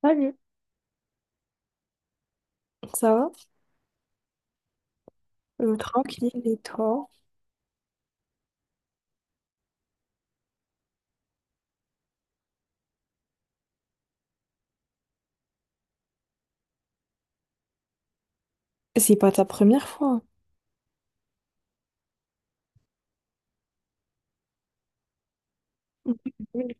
Salut, ça va? Tranquille et toi? C'est pas ta première fois. Oui.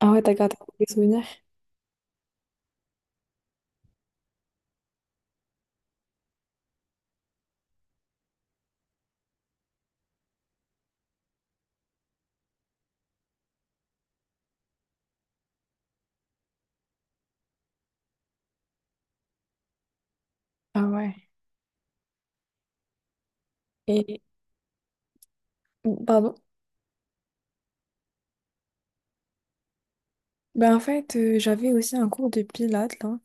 Ah ouais, t'as gardé des souvenirs. Ah ouais. Et pardon. Ben en fait, j'avais aussi un cours de pilates là.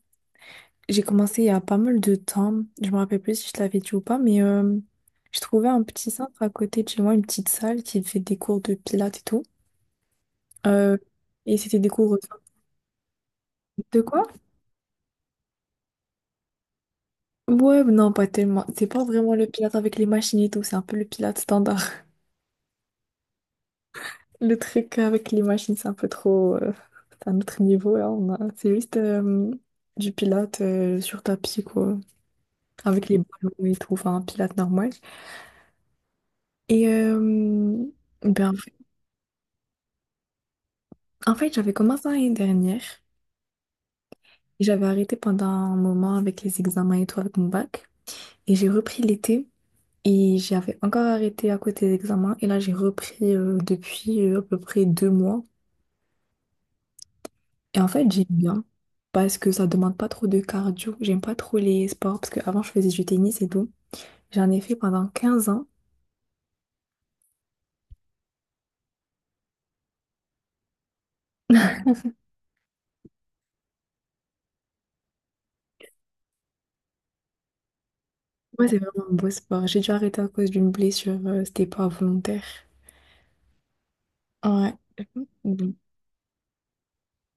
J'ai commencé il y a pas mal de temps. Je me rappelle plus si je l'avais dit ou pas, mais je trouvais un petit centre à côté de chez moi, une petite salle qui fait des cours de pilates et tout. Euh, et c'était des cours de quoi? Ouais, non, pas tellement. C'est pas vraiment le pilate avec les machines et tout, c'est un peu le pilate standard. Le truc avec les machines, c'est un peu trop. C'est un autre niveau, là. C'est juste du pilates sur tapis, quoi. Avec les ballons et tout, enfin, un pilate normal. Et ben, en fait, j'avais commencé l'année dernière. Et j'avais arrêté pendant un moment avec les examens et tout, avec mon bac. Et j'ai repris l'été. Et j'avais encore arrêté à côté des examens. Et là, j'ai repris depuis à peu près 2 mois. Et en fait, j'aime bien parce que ça demande pas trop de cardio. J'aime pas trop les sports parce qu'avant, je faisais du tennis et tout. J'en ai fait pendant 15 ans. Ouais, c'est vraiment un beau sport. J'ai dû arrêter à cause d'une blessure. C'était pas volontaire. Ouais. Mhm.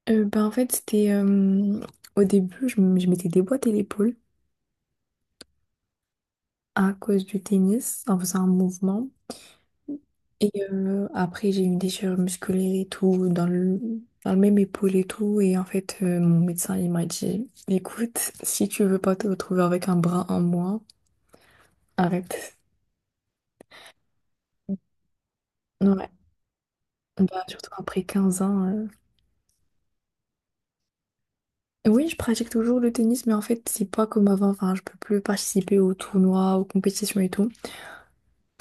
Ben, en fait, c'était au début, je m'étais déboîté l'épaule à cause du tennis en faisant un mouvement. Et après, j'ai eu une déchirure musculaire et tout, dans le même épaule et tout. Et en fait, mon médecin, il m'a dit, écoute, si tu veux pas te retrouver avec un bras en moins, arrête. Ouais, bah, surtout après 15 ans. Oui, je pratique toujours le tennis, mais en fait, c'est pas comme avant. Enfin, je peux plus participer aux tournois, aux compétitions et tout.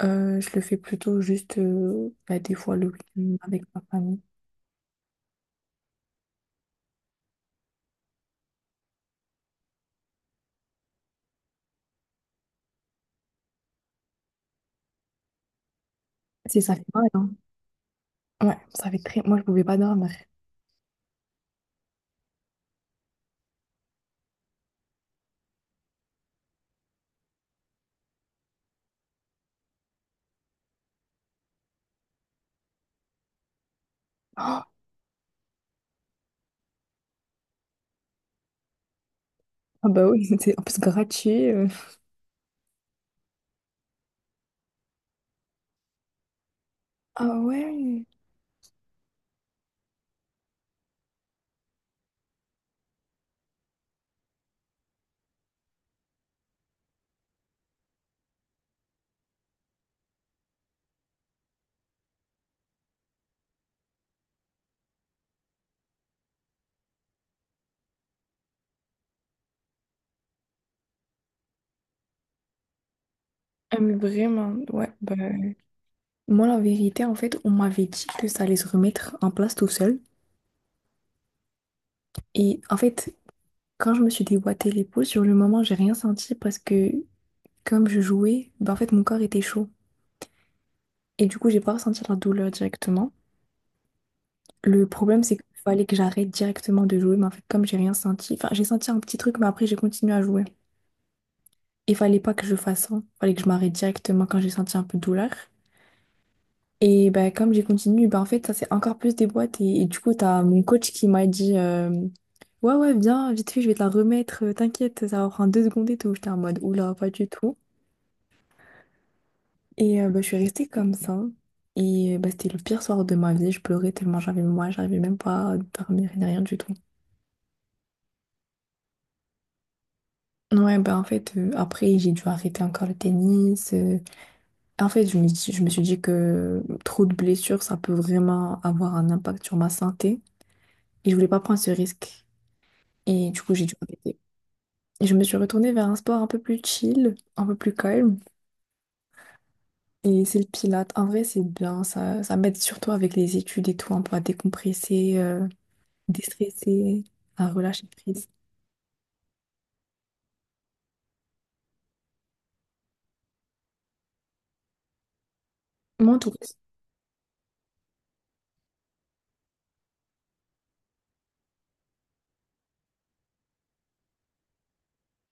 Je le fais plutôt juste bah, des fois le week-end avec ma famille. C'est ça fait mal, hein. Ouais, ça fait très. Moi, je pouvais pas dormir. Ah bah oui, c'était en plus gratuit. Ah ouais. Ah, mais vraiment, ouais, bah. Moi, la vérité, en fait, on m'avait dit que ça allait se remettre en place tout seul. Et en fait, quand je me suis déboîté l'épaule, sur le moment, j'ai rien senti parce que comme je jouais, bah en fait, mon corps était chaud. Et du coup, j'ai pas ressenti la douleur directement. Le problème, c'est qu'il fallait que j'arrête directement de jouer, mais en fait, comme j'ai rien senti, enfin, j'ai senti un petit truc, mais après, j'ai continué à jouer. Il fallait pas que je fasse ça. Il fallait que je m'arrête directement quand j'ai senti un peu de douleur. Et bah, comme j'ai continué, bah, en fait, ça s'est encore plus des boîtes. Et du coup, t'as mon coach qui m'a dit ouais, ouais, viens, vite fait, je vais te la remettre, t'inquiète, ça va prendre 2 secondes et tout. J'étais en mode Oula, pas du tout. Et bah, je suis restée comme ça. Et bah, c'était le pire soir de ma vie. Je pleurais tellement j'avais moi, j'arrivais même pas à dormir ni rien du tout. Ouais, bah en fait, après, j'ai dû arrêter encore le tennis. En fait, je me suis dit que trop de blessures, ça peut vraiment avoir un impact sur ma santé. Et je voulais pas prendre ce risque. Et du coup, j'ai dû arrêter. Et je me suis retournée vers un sport un peu plus chill, un peu plus calme. Et c'est le pilate. En vrai, c'est bien. Ça m'aide surtout avec les études et tout, un peu à décompresser, déstresser, à relâcher prise. Moi, en tout cas,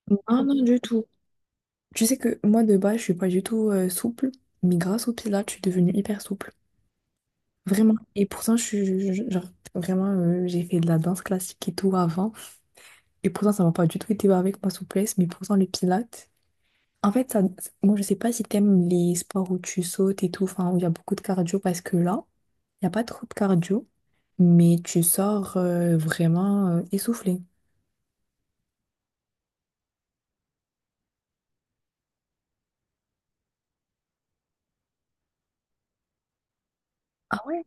non, non, du tout. Tu sais que moi, de base, je suis pas du tout souple. Mais grâce au pilate, je suis devenue hyper souple. Vraiment. Et pourtant, je suis, je- genre, vraiment, j'ai fait de la danse classique et tout avant. Et pourtant, ça m'a pas du tout été avec ma souplesse. Mais pourtant, le pilate. En fait, ça, moi, je sais pas si t'aimes les sports où tu sautes et tout, enfin, où il y a beaucoup de cardio, parce que là, il n'y a pas trop de cardio, mais tu sors vraiment essoufflé. Ah ouais?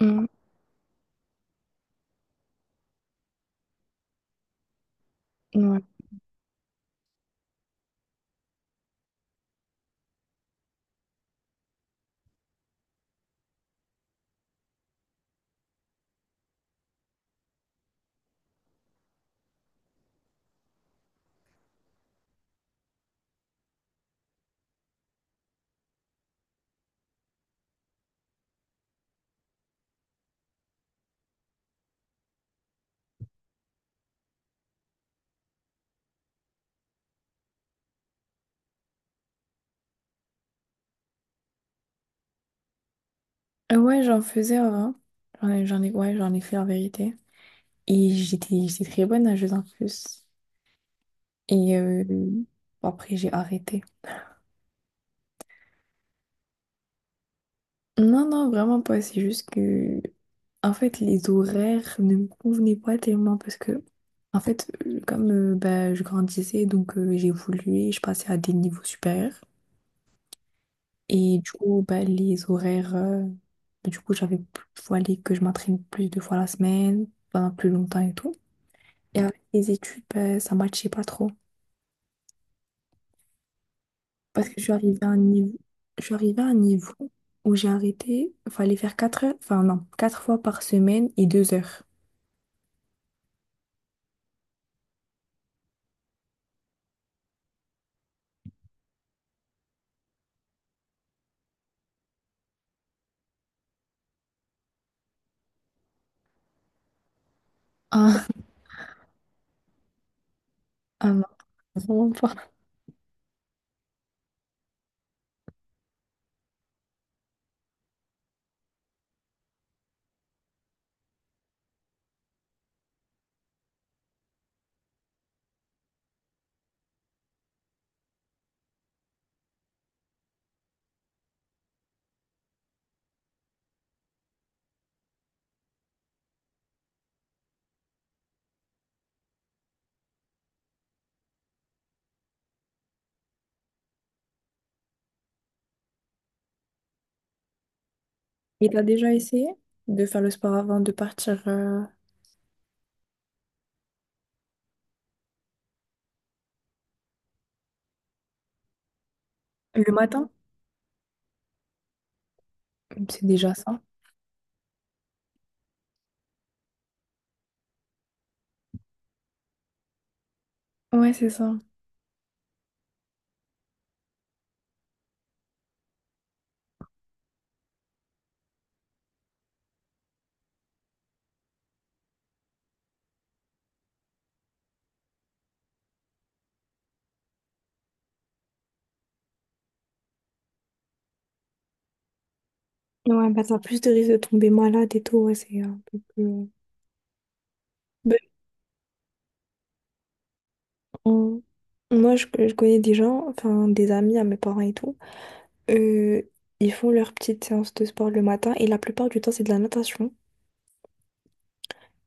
Mm, ouais. Ouais, j'en faisais avant. Ouais, j'en ai fait en vérité. Et j'étais très bonne nageuse en plus. Et bon, après, j'ai arrêté. Non, non, vraiment pas. C'est juste que, en fait, les horaires ne me convenaient pas tellement parce que, en fait, comme bah, je grandissais, donc j'évoluais, je passais à des niveaux supérieurs. Et du coup, bah, les horaires, du coup, fallait que je m'entraîne plus de fois la semaine, pendant plus longtemps et tout. Et avec les études, bah, ça matchait pas trop. Parce que je suis arrivée à un niveau, je suis arrivée à un niveau où j'ai arrêté, fallait faire 4 heures, enfin non, 4 fois par semaine et 2 heures. Ah non, vraiment pas. Et t'as déjà essayé de faire le sport avant de partir le matin? C'est déjà ça. Ouais, c'est ça. Ouais, bah t'as plus de risques de tomber malade et tout, ouais, c'est un peu plus. Ben, on- moi, je connais des gens, enfin des amis à mes parents et tout, euh, ils font leur petite séance de sport le matin et la plupart du temps, c'est de la natation.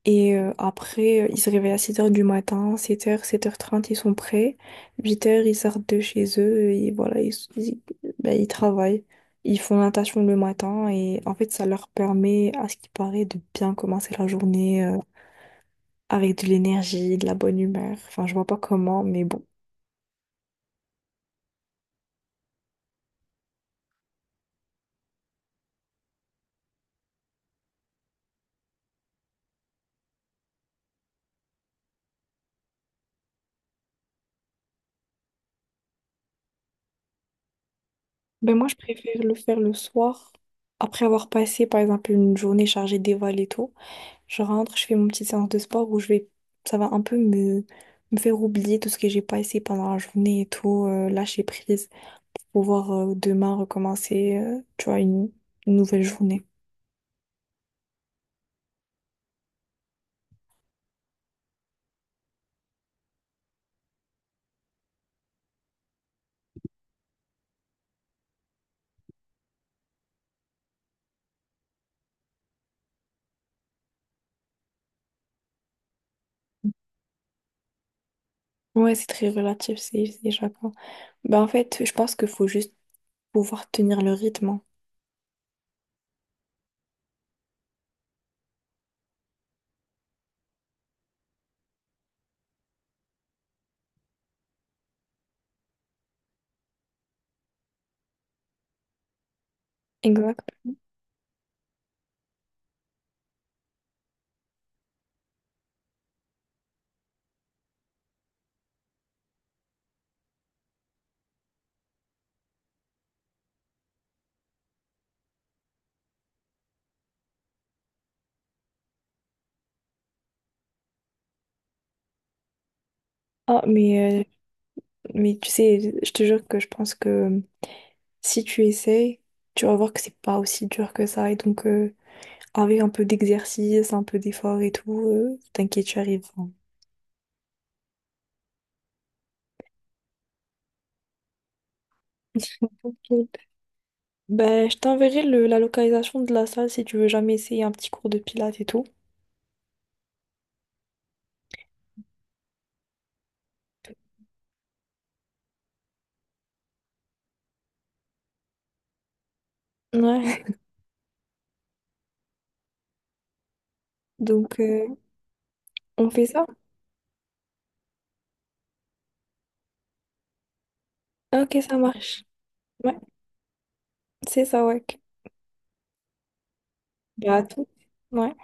Et après, ils se réveillent à 7 heures du matin, 7 heures, 7h30 ils sont prêts. 8 heures ils sortent de chez eux et voilà, ben, ils travaillent. Ils font la natation le matin et en fait, ça leur permet, à ce qui paraît, de bien commencer la journée avec de l'énergie, de la bonne humeur. Enfin, je vois pas comment, mais bon. Ben moi, je préfère le faire le soir, après avoir passé, par exemple, une journée chargée d'éval et tout. Je rentre, je fais mon petite séance de sport où je vais, ça va un peu me faire oublier tout ce que j'ai pas essayé pendant la journée et tout, lâcher prise, pouvoir demain recommencer, tu vois, une nouvelle journée. Ouais, c'est très relatif, c'est chacun. Bah, en fait, je pense qu'il faut juste pouvoir tenir le rythme. Exact. Ah, mais tu sais, je te jure que je pense que si tu essayes, tu vas voir que c'est pas aussi dur que ça. Et donc, avec un peu d'exercice, un peu d'effort et tout, t'inquiète, tu arrives, hein. Tranquille. Ben, je t'enverrai la localisation de la salle si tu veux jamais essayer un petit cours de pilates et tout. Ouais, donc on fait ça? Ok, ça marche. Ouais, c'est ça, ouais. Bah, à tout. Ouais.